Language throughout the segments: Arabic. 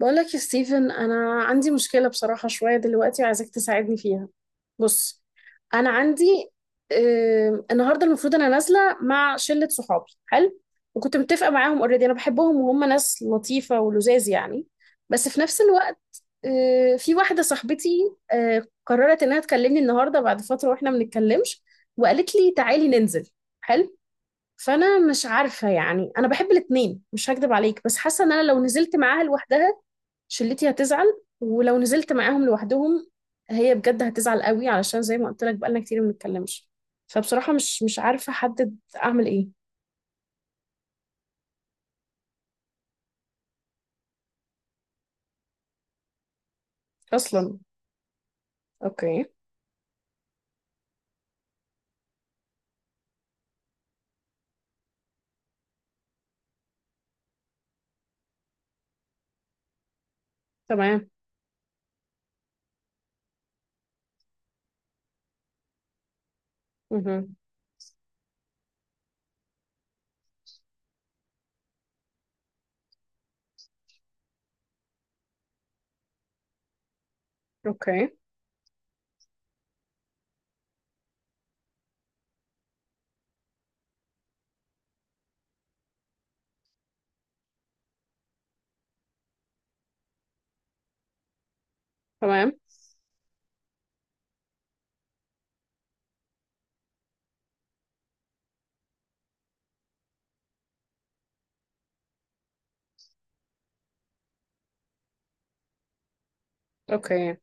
بقولك يا ستيفن، انا عندي مشكله بصراحه شويه دلوقتي وعايزاك تساعدني فيها. بص، انا عندي النهارده المفروض انا نازله مع شله صحابي حلو، وكنت متفقه معاهم. اوريدي انا بحبهم وهم ناس لطيفه ولذاذ يعني. بس في نفس الوقت، في واحده صاحبتي قررت انها تكلمني النهارده بعد فتره واحنا ما بنتكلمش، وقالت لي تعالي ننزل. حلو. فانا مش عارفه، يعني انا بحب الاتنين مش هكدب عليك، بس حاسه ان انا لو نزلت معاها لوحدها، شلتي هتزعل. ولو نزلت معاهم لوحدهم، هي بجد هتزعل قوي، علشان زي ما قلت لك بقالنا كتير ما بنتكلمش. فبصراحة مش عارفة احدد اعمل ايه. اصلا اوكي. تمام. مهم. اوكي. تمام. اوكي.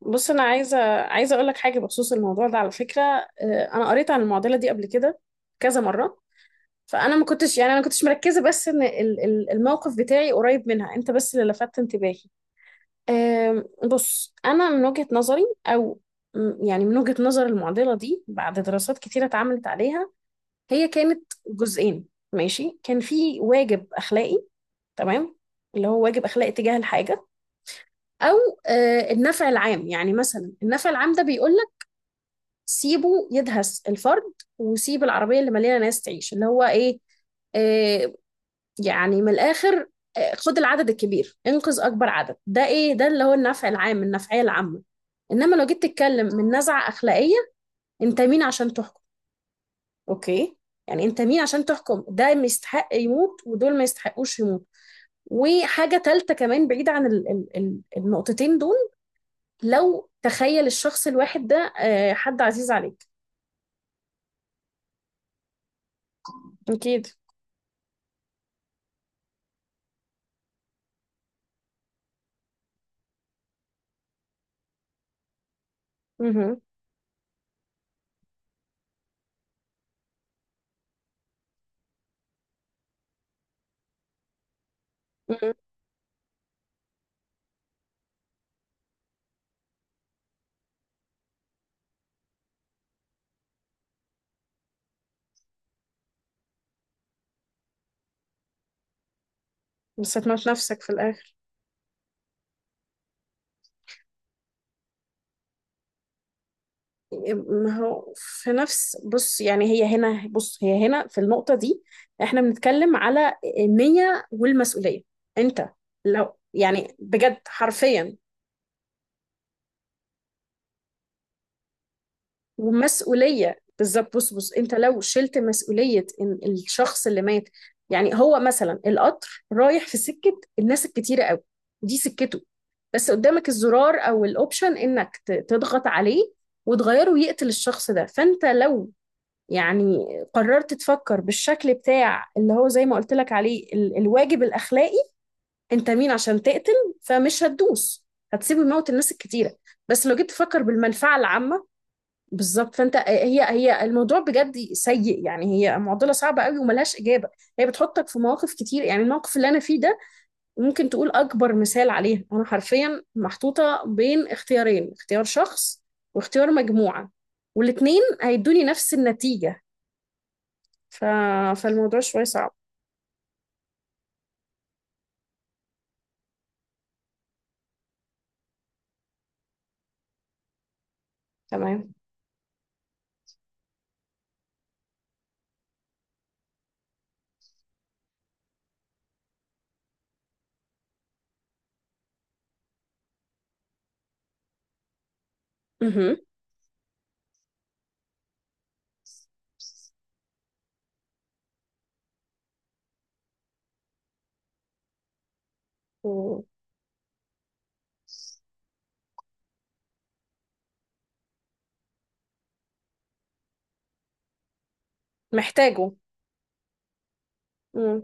بص، انا عايزة اقول لك حاجة بخصوص الموضوع ده على فكرة. انا قريت عن المعضلة دي قبل كده كذا مرة. فانا ما كنتش، يعني انا ما كنتش مركزة، بس ان الموقف بتاعي قريب منها، انت بس اللي لفتت انتباهي. بص، أنا من وجهة نظري، أو يعني من وجهة نظر المعضلة دي بعد دراسات كتيرة اتعملت عليها، هي كانت جزئين. ماشي، كان في واجب أخلاقي. تمام. اللي هو واجب أخلاقي تجاه الحاجة، أو النفع العام. يعني مثلا النفع العام ده بيقول لك سيبه يدهس الفرد، وسيب العربية اللي مليانة ناس تعيش. اللي هو إيه، آه، يعني من الآخر، خد العدد الكبير، انقذ أكبر عدد. ده إيه؟ ده اللي هو النفع العام، النفعية العامة. إنما لو جيت تتكلم من نزعة أخلاقية، أنت مين عشان تحكم؟ أوكي. يعني أنت مين عشان تحكم ده ما يستحق يموت ودول ما يستحقوش يموت؟ وحاجة تالتة كمان بعيدة عن النقطتين دول، لو تخيل الشخص الواحد ده حد عزيز عليك. أكيد. مهم. مهم. بس هتموت نفسك في الآخر. ما هو في نفس، بص يعني هي هنا، بص هي هنا في النقطة دي. احنا بنتكلم على النية والمسؤولية. انت لو يعني بجد حرفيا، ومسؤولية. بالظبط. بص بص، انت لو شلت مسؤولية ان الشخص اللي مات، يعني هو مثلا القطر رايح في سكة الناس الكتيرة قوي، دي سكته، بس قدامك الزرار او الاوبشن انك تضغط عليه وتغيره يقتل الشخص ده، فانت لو يعني قررت تفكر بالشكل بتاع اللي هو زي ما قلت لك عليه ال الواجب الأخلاقي، أنت مين عشان تقتل؟ فمش هتدوس، هتسيب الموت الناس الكتيرة. بس لو جيت تفكر بالمنفعة العامة، بالظبط. فأنت هي الموضوع بجد سيء يعني، هي معضلة صعبة قوي وملهاش إجابة. هي بتحطك في مواقف كتير. يعني الموقف اللي أنا فيه ده ممكن تقول أكبر مثال عليها. أنا حرفيا محطوطة بين اختيارين: اختيار شخص واختيار مجموعة، والاتنين هيدوني نفس النتيجة. ف... فالموضوع شوية صعب. تمام. مهم. ومحتاجه. مم.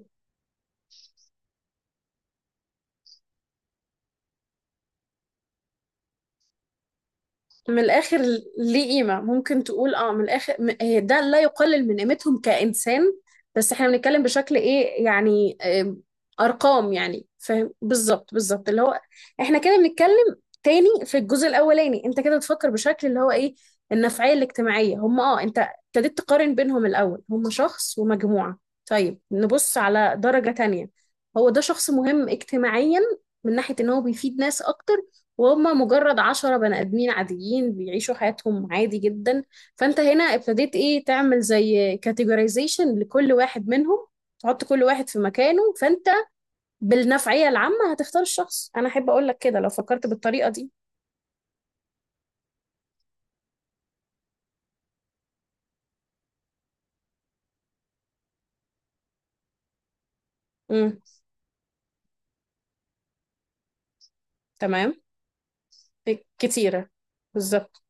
من الاخر. ليه قيمه، ممكن تقول اه من الاخر، هي ده لا يقلل من قيمتهم كانسان، بس احنا بنتكلم بشكل ايه، يعني ارقام يعني، فاهم؟ بالظبط اللي هو احنا كده بنتكلم. تاني، في الجزء الاولاني انت كده بتفكر بشكل اللي هو ايه، النفعيه الاجتماعيه. هم اه انت ابتديت تقارن بينهم. الاول هم شخص ومجموعه. طيب نبص على درجه تانية، هو ده شخص مهم اجتماعيا من ناحيه ان هو بيفيد ناس اكتر، وهم مجرد عشرة بني آدمين عاديين بيعيشوا حياتهم عادي جدا. فأنت هنا ابتديت إيه تعمل زي كاتيجورايزيشن لكل واحد منهم، تحط كل واحد في مكانه. فأنت بالنفعية العامة هتختار الشخص. أنا أحب أقول لك كده لو فكرت بالطريقة دي. امم. تمام. إيه، كتيرة. بالظبط.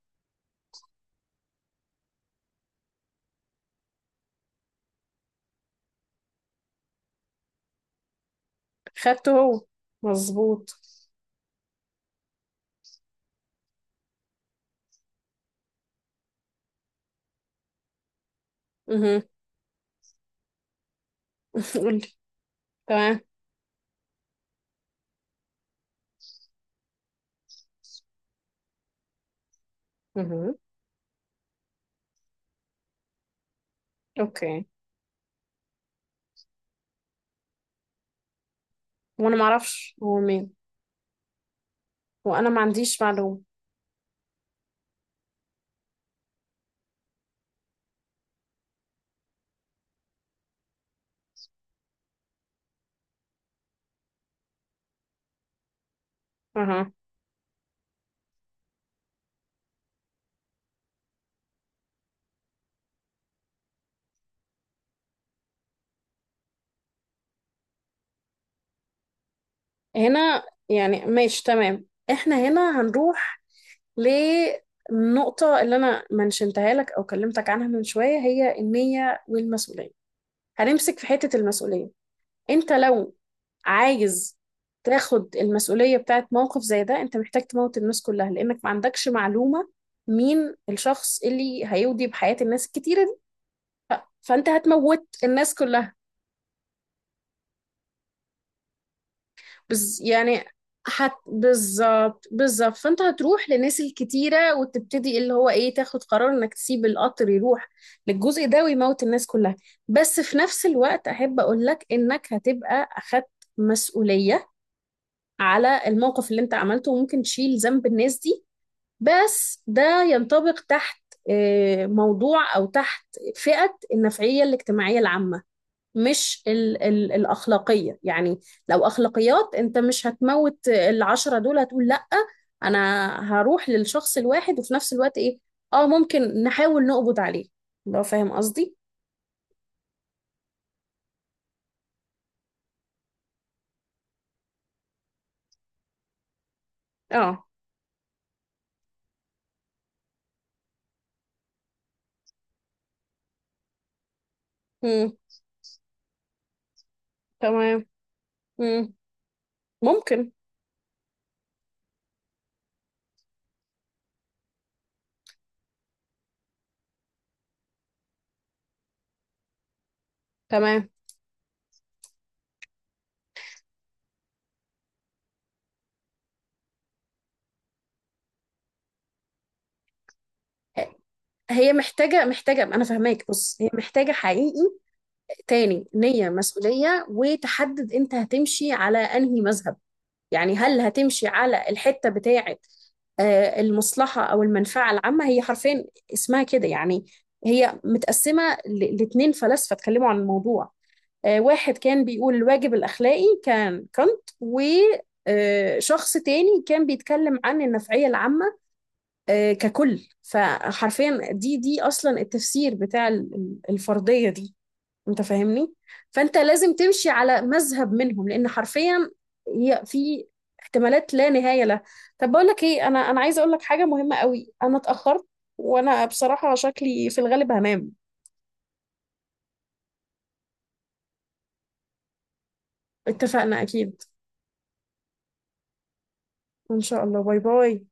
خدته هو. مظبوط. اها. قولي. تمام. اها. أوكي. وأنا معرفش هو مين. وأنا ما عنديش معلومة. اها. هنا يعني ماشي تمام، احنا هنا هنروح للنقطة اللي انا منشنتها لك او كلمتك عنها من شوية، هي النية والمسؤولية. هنمسك في حتة المسؤولية. انت لو عايز تاخد المسؤولية بتاعت موقف زي ده، انت محتاج تموت الناس كلها لانك ما عندكش معلومة مين الشخص اللي هيودي بحياة الناس الكتيرة دي. فانت هتموت الناس كلها. بز يعني هت، بالظبط بالظبط. فانت هتروح للناس الكتيرة وتبتدي اللي هو ايه تاخد قرار انك تسيب القطر يروح للجزء ده ويموت الناس كلها. بس في نفس الوقت احب اقول لك انك هتبقى اخدت مسؤولية على الموقف اللي انت عملته وممكن تشيل ذنب الناس دي. بس ده ينطبق تحت موضوع او تحت فئة النفعية الاجتماعية العامة، مش ال ال الأخلاقية. يعني لو أخلاقيات، أنت مش هتموت العشرة دول، هتقول لأ أنا هروح للشخص الواحد، وفي نفس الوقت إيه، آه ممكن نحاول نقبض عليه، لو فاهم قصدي. آه. مم. تمام. مم. ممكن. تمام. هي محتاجة، محتاجة، أنا فاهماك. بص هي محتاجة حقيقي تاني نية، مسؤولية، وتحدد أنت هتمشي على أنهي مذهب. يعني هل هتمشي على الحتة بتاعة المصلحة أو المنفعة العامة، هي حرفيا اسمها كده يعني. هي متقسمة لاتنين فلاسفة اتكلموا عن الموضوع. واحد كان بيقول الواجب الأخلاقي كان كانت، وشخص تاني كان بيتكلم عن النفعية العامة ككل. فحرفيا دي أصلا التفسير بتاع الفرضية دي، انت فاهمني. فانت لازم تمشي على مذهب منهم، لان حرفيا هي في احتمالات لا نهايه لها. طب بقول لك ايه، انا عايزه اقول لك حاجه مهمه قوي، انا اتاخرت وانا بصراحه شكلي في الغالب هنام. اتفقنا. اكيد ان شاء الله. باي باي.